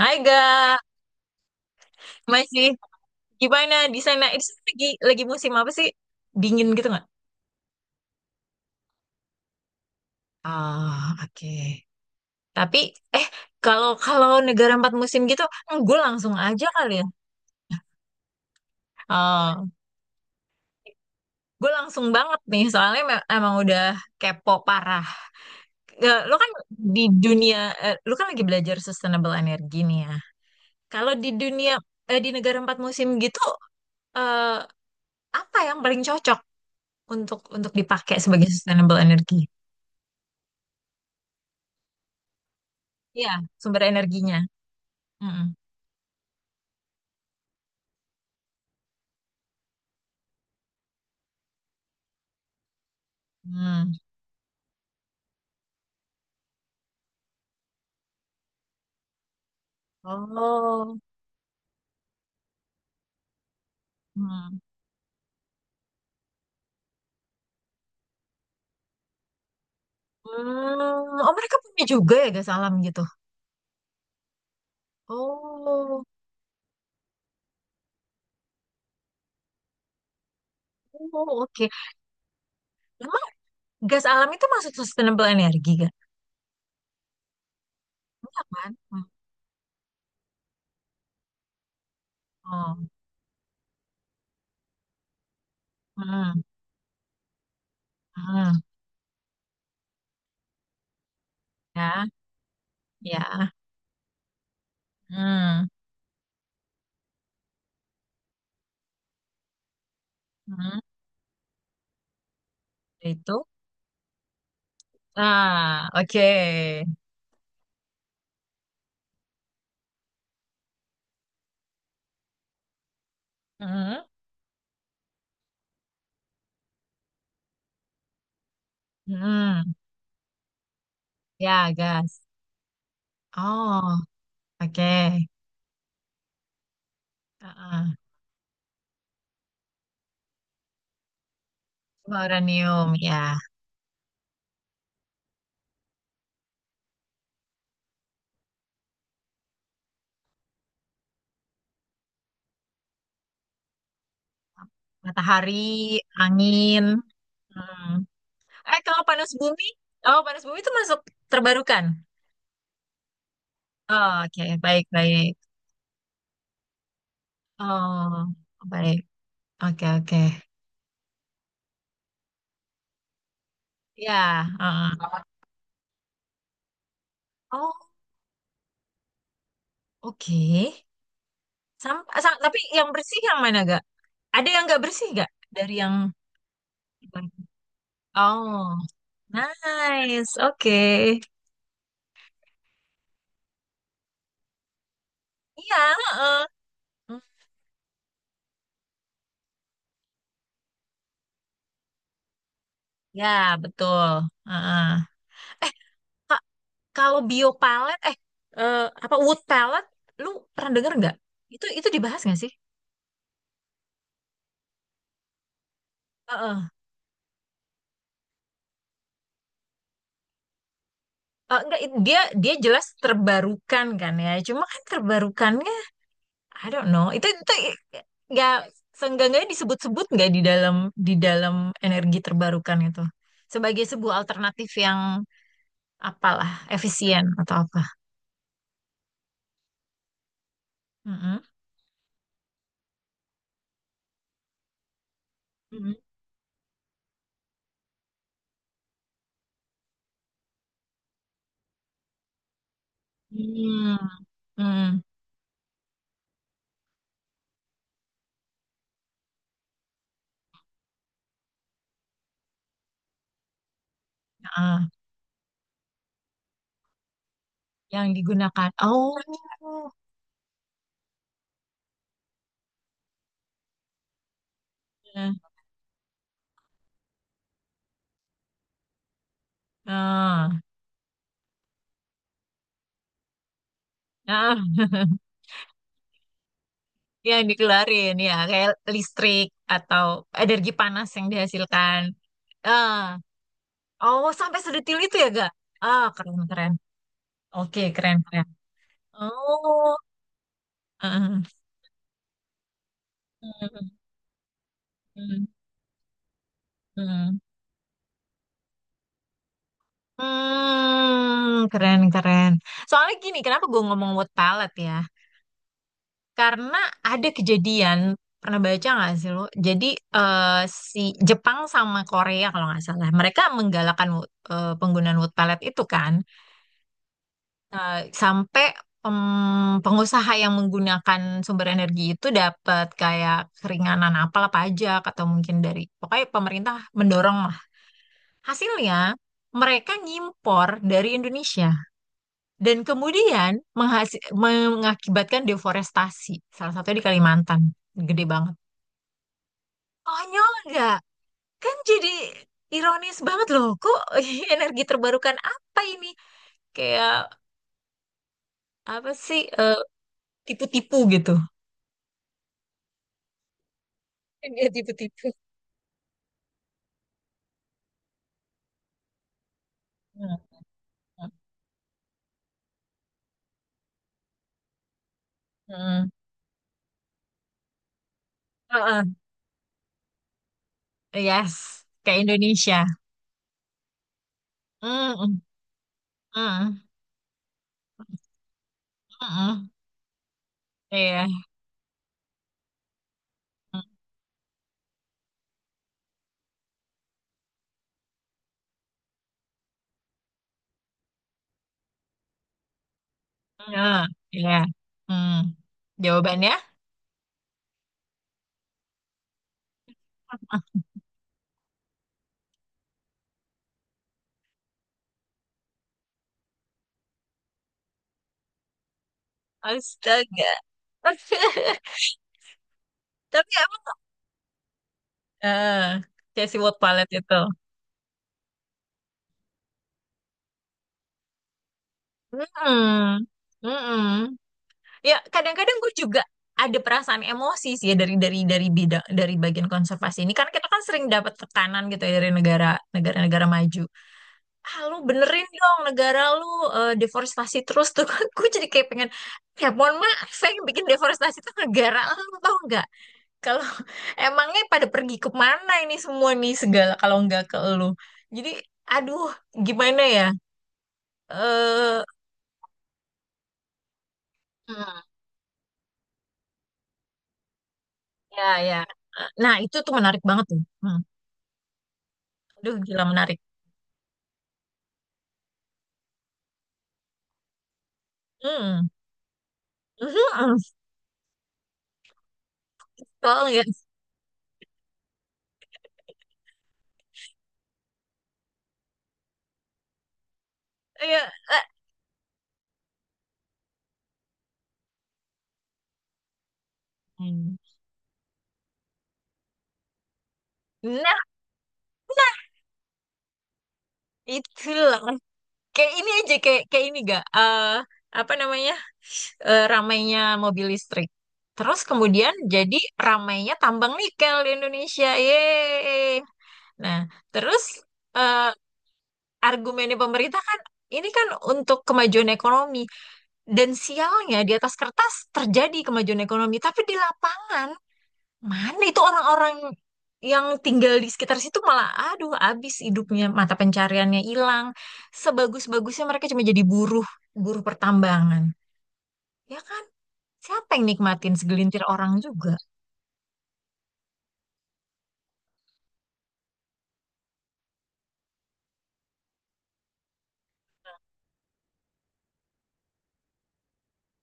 Hai ga, masih gimana di sana? Itu lagi musim apa sih? Dingin gitu nggak? Ah, oke. Tapi eh kalau kalau negara empat musim gitu, gue langsung aja kali ya. Ah, gue langsung banget nih, soalnya emang udah kepo parah. Eh, Lo kan di dunia, eh, lo kan lagi belajar sustainable energy nih ya. Kalau di dunia eh, di negara empat musim gitu, eh, apa yang paling cocok untuk dipakai sebagai sustainable energy? Iya, sumber energinya. Mm-mm. Hmm. Oh. Hmm. Hmm. Oh, mereka punya juga ya gas alam gitu. Oh. Oh, oke. Emang gas alam itu masuk sustainable energi kan? Iya kan? Hmm. Oh. Hmm. Hmm. Ya, ya. Hmm. Hmm. Itu. Ah, oke. Hmm. Hmm. Ya, gas. Oh, oke. Heeh. Uranium, ya. Matahari, angin. Hmm. Eh, kalau panas bumi, oh panas bumi itu masuk terbarukan. Oh, oke, baik baik. Oh, baik. Oke oke. Ya. Heeh. Oh, oke. Tapi yang bersih yang mana gak? Ada yang nggak bersih gak dari yang. Oh, nice. Oke. Iya. Heeh. Hmm, ya, betul. Heeh. Kalau bio palette, eh, apa wood palette, lu pernah dengar nggak? Itu dibahas nggak sih? Heeh. Eh, enggak, it- dia dia jelas terbarukan kan ya. Cuma kan terbarukannya, I don't know. Nggak seenggaknya disebut-sebut nggak di dalam di dalam energi terbarukan itu sebagai sebuah alternatif yang apalah efisien atau apa? Mm-mm. Mhm. Hmm, hmm, ah, yang digunakan. Oh, eh, ah. Ah, yang dikeluarin ya kayak listrik atau energi panas yang dihasilkan. Ah, oh sampai sedetil itu ya gak? Ah keren keren. Oke keren keren. Oh, ah. Hmm, hmm, hmm. Hmm, keren keren. Soalnya gini, kenapa gue ngomong word palette ya? Karena ada kejadian, pernah baca nggak sih lo? Jadi eh, si Jepang sama Korea kalau nggak salah, mereka menggalakkan penggunaan word palette itu kan. Sampai pengusaha yang menggunakan sumber energi itu dapat kayak keringanan apalah pajak atau mungkin dari pokoknya pemerintah mendorong lah. Hasilnya mereka ngimpor dari Indonesia dan kemudian menghasi- mengakibatkan deforestasi. Salah satunya di Kalimantan, gede banget. Konyol nggak? Kan jadi ironis banget loh. Kok energi terbarukan apa ini? Kayak apa sih? Tipu-tipu gitu. Dia tipu-tipu. Mm, mm, mm. Uh-uh. Yes, ke Indonesia. Mm, mm, mm, mm, mm. Iya. Mm, mm, iya. Mm. Jawabannya? Astaga. Tapi emang eh Casey World Palette itu. Mm-mm. Mm-mm. Ya, kadang-kadang gue juga ada perasaan emosi sih ya dari bidang dari bagian konservasi ini karena kita kan sering dapat tekanan gitu ya dari negara negara-negara maju. Ah lu benerin dong negara lu deforestasi terus tuh gue jadi kayak pengen, ya mohon maaf yang bikin deforestasi tuh negara lu tau nggak kalau emangnya pada pergi kemana ini semua nih segala kalau nggak ke lu. Jadi aduh, gimana ya eh hmm, ya ya nah itu tuh menarik banget tuh hmm. Aduh gila menarik hmm. Hmm. Tau nggak ya. Iya. eh, hmm. Nah itulah. Kayak ini aja kayak kayak ini gak apa namanya ramainya mobil listrik. Terus kemudian jadi ramainya tambang nikel di Indonesia. Yeay. Nah, terus eh, argumennya pemerintah kan ini kan untuk kemajuan ekonomi dan sialnya di atas kertas terjadi kemajuan ekonomi tapi di lapangan, mana itu orang-orang yang tinggal di sekitar situ malah, aduh, habis hidupnya, mata pencariannya hilang. Sebagus-bagusnya mereka cuma jadi buruh, buruh pertambangan. Ya kan? Siapa yang nikmatin, segelintir orang juga?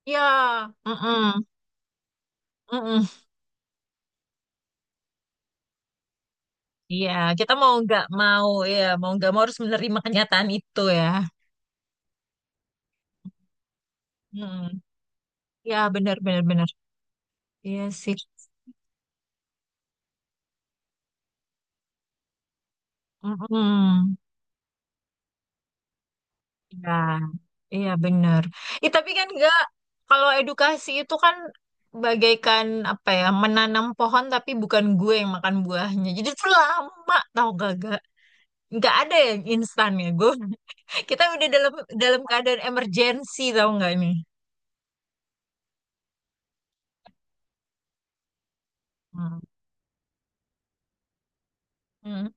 Ya, mm-mm, mm-mm. Iya, kita mau nggak mau, ya, mau nggak mau harus menerima kenyataan itu ya. Mm. Ya, benar benar benar. Iya sih. Mm-mm. Ya. Iya benar. Ih, tapi kan enggak, kalau edukasi itu kan bagaikan apa ya, menanam pohon tapi bukan gue yang makan buahnya. Jadi itu lama tau gak gak. Nggak ada yang instan ya gue. Kita udah dalam dalam keadaan emergency tau nggak nih. Hmm. Hmm.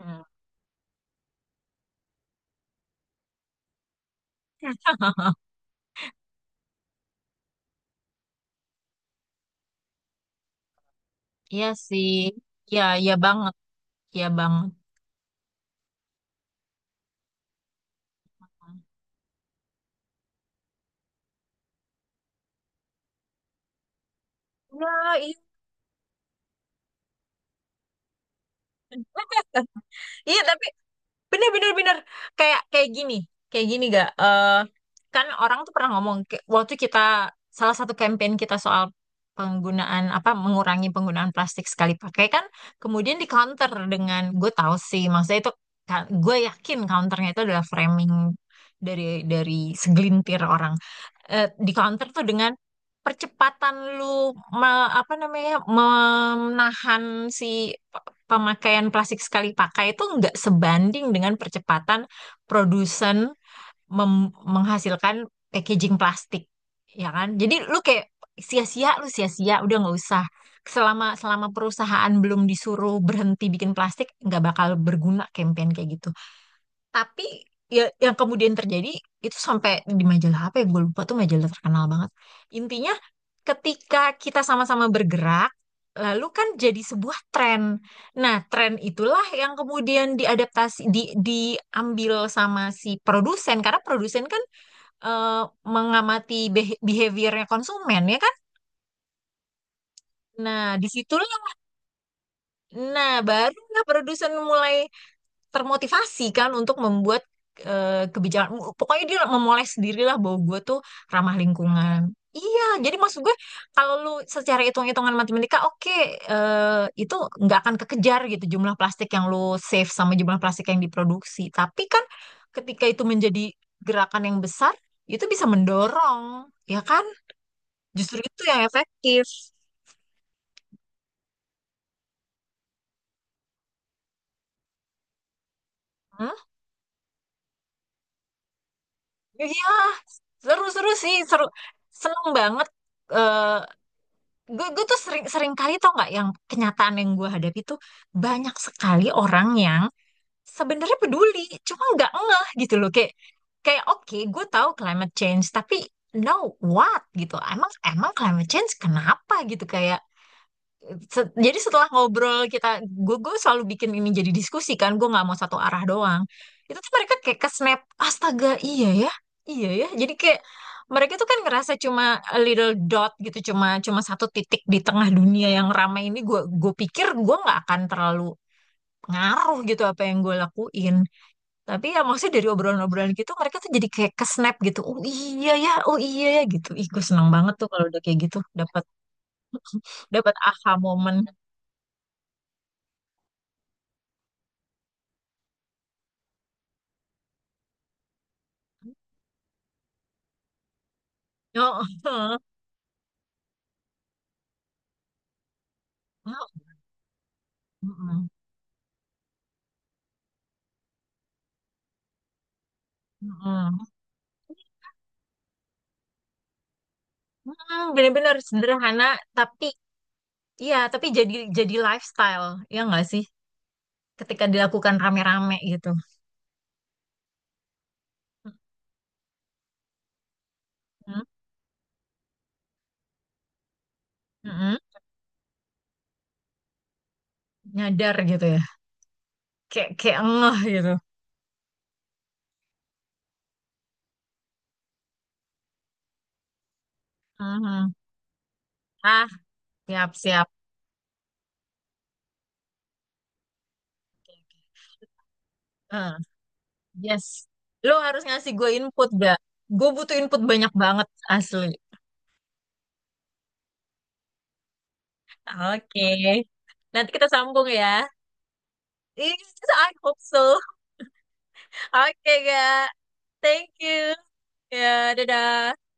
Hmm. Iya sih. Iya, iya banget. Iya banget. Nah, iya. Iya, tapi bener bener bener, kayak kayak gini, kayak gini gak. Eh, kan orang tuh pernah ngomong kayak waktu kita, salah satu campaign kita soal penggunaan apa, mengurangi penggunaan plastik sekali pakai kan, kemudian di counter dengan, gue tahu sih maksudnya itu, ka- gue yakin counternya itu adalah framing dari segelintir orang. Eh di counter tuh dengan percepatan lu apa namanya menahan si pemakaian plastik sekali pakai itu nggak sebanding dengan percepatan produsen menghasilkan packaging plastik, ya kan? Jadi lu kayak sia-sia, lu sia-sia, udah nggak usah. Selama selama perusahaan belum disuruh berhenti bikin plastik, nggak bakal berguna campaign kayak gitu. Tapi ya yang kemudian terjadi itu, sampai di majalah apa ya gue lupa tuh, majalah terkenal banget. Intinya ketika kita sama-sama bergerak lalu kan jadi sebuah tren. Nah, tren itulah yang kemudian diadaptasi, di diambil sama si produsen karena produsen kan eh, mengamati behaviornya konsumen ya kan. Nah, disitulah, nah baru nggak produsen mulai termotivasi kan untuk membuat kebijakan. Pokoknya dia memoles sendirilah bahwa gue tuh ramah lingkungan. Iya, jadi maksud gue kalau lu secara hitung-hitungan matematika, oke, itu nggak akan kekejar gitu, jumlah plastik yang lu save sama jumlah plastik yang diproduksi. Tapi kan ketika itu menjadi gerakan yang besar, itu bisa mendorong, ya kan? Justru itu yang efektif. Hmm? Iya, seru-seru sih, seru, seneng banget eh, gue tuh sering sering kali tau nggak, yang kenyataan yang gue hadapi tuh, banyak sekali orang yang sebenarnya peduli, cuma nggak ngeh gitu loh. Kayak kayak oke, gue tahu climate change, tapi no what gitu. Emang emang climate change kenapa gitu, kayak jadi setelah ngobrol kita, gue selalu bikin ini jadi diskusi kan, gue nggak mau satu arah doang, itu tuh mereka kayak ke snap, astaga iya ya iya ya, jadi kayak mereka tuh kan ngerasa cuma a little dot gitu cuma cuma satu titik di tengah dunia yang ramai ini, gue pikir gue nggak akan terlalu ngaruh gitu apa yang gue lakuin. Tapi ya maksudnya dari obrolan-obrolan gitu mereka tuh jadi kayak ke snap gitu, oh iya ya oh iya ya gitu. Ih gue seneng banget tuh kalau udah kayak gitu, dapat dapat aha moment. Oh, Mm-mm. Mm-mm. Mm, bener-bener sederhana, tapi ya, tapi jadi lifestyle, ya nggak sih? Ketika dilakukan rame-rame gitu. Mm-mm. Mm-mm. Nyadar gitu ya. Kayak kayak ngeh gitu. Mhm. Ah, siap-siap. Eh, yes. Lo harus ngasih gue input, gak? Gue butuh input banyak banget, asli. Oke. Nanti kita sambung ya. Yes, I hope so. Oke, gak? Thank you. Ya, dadah.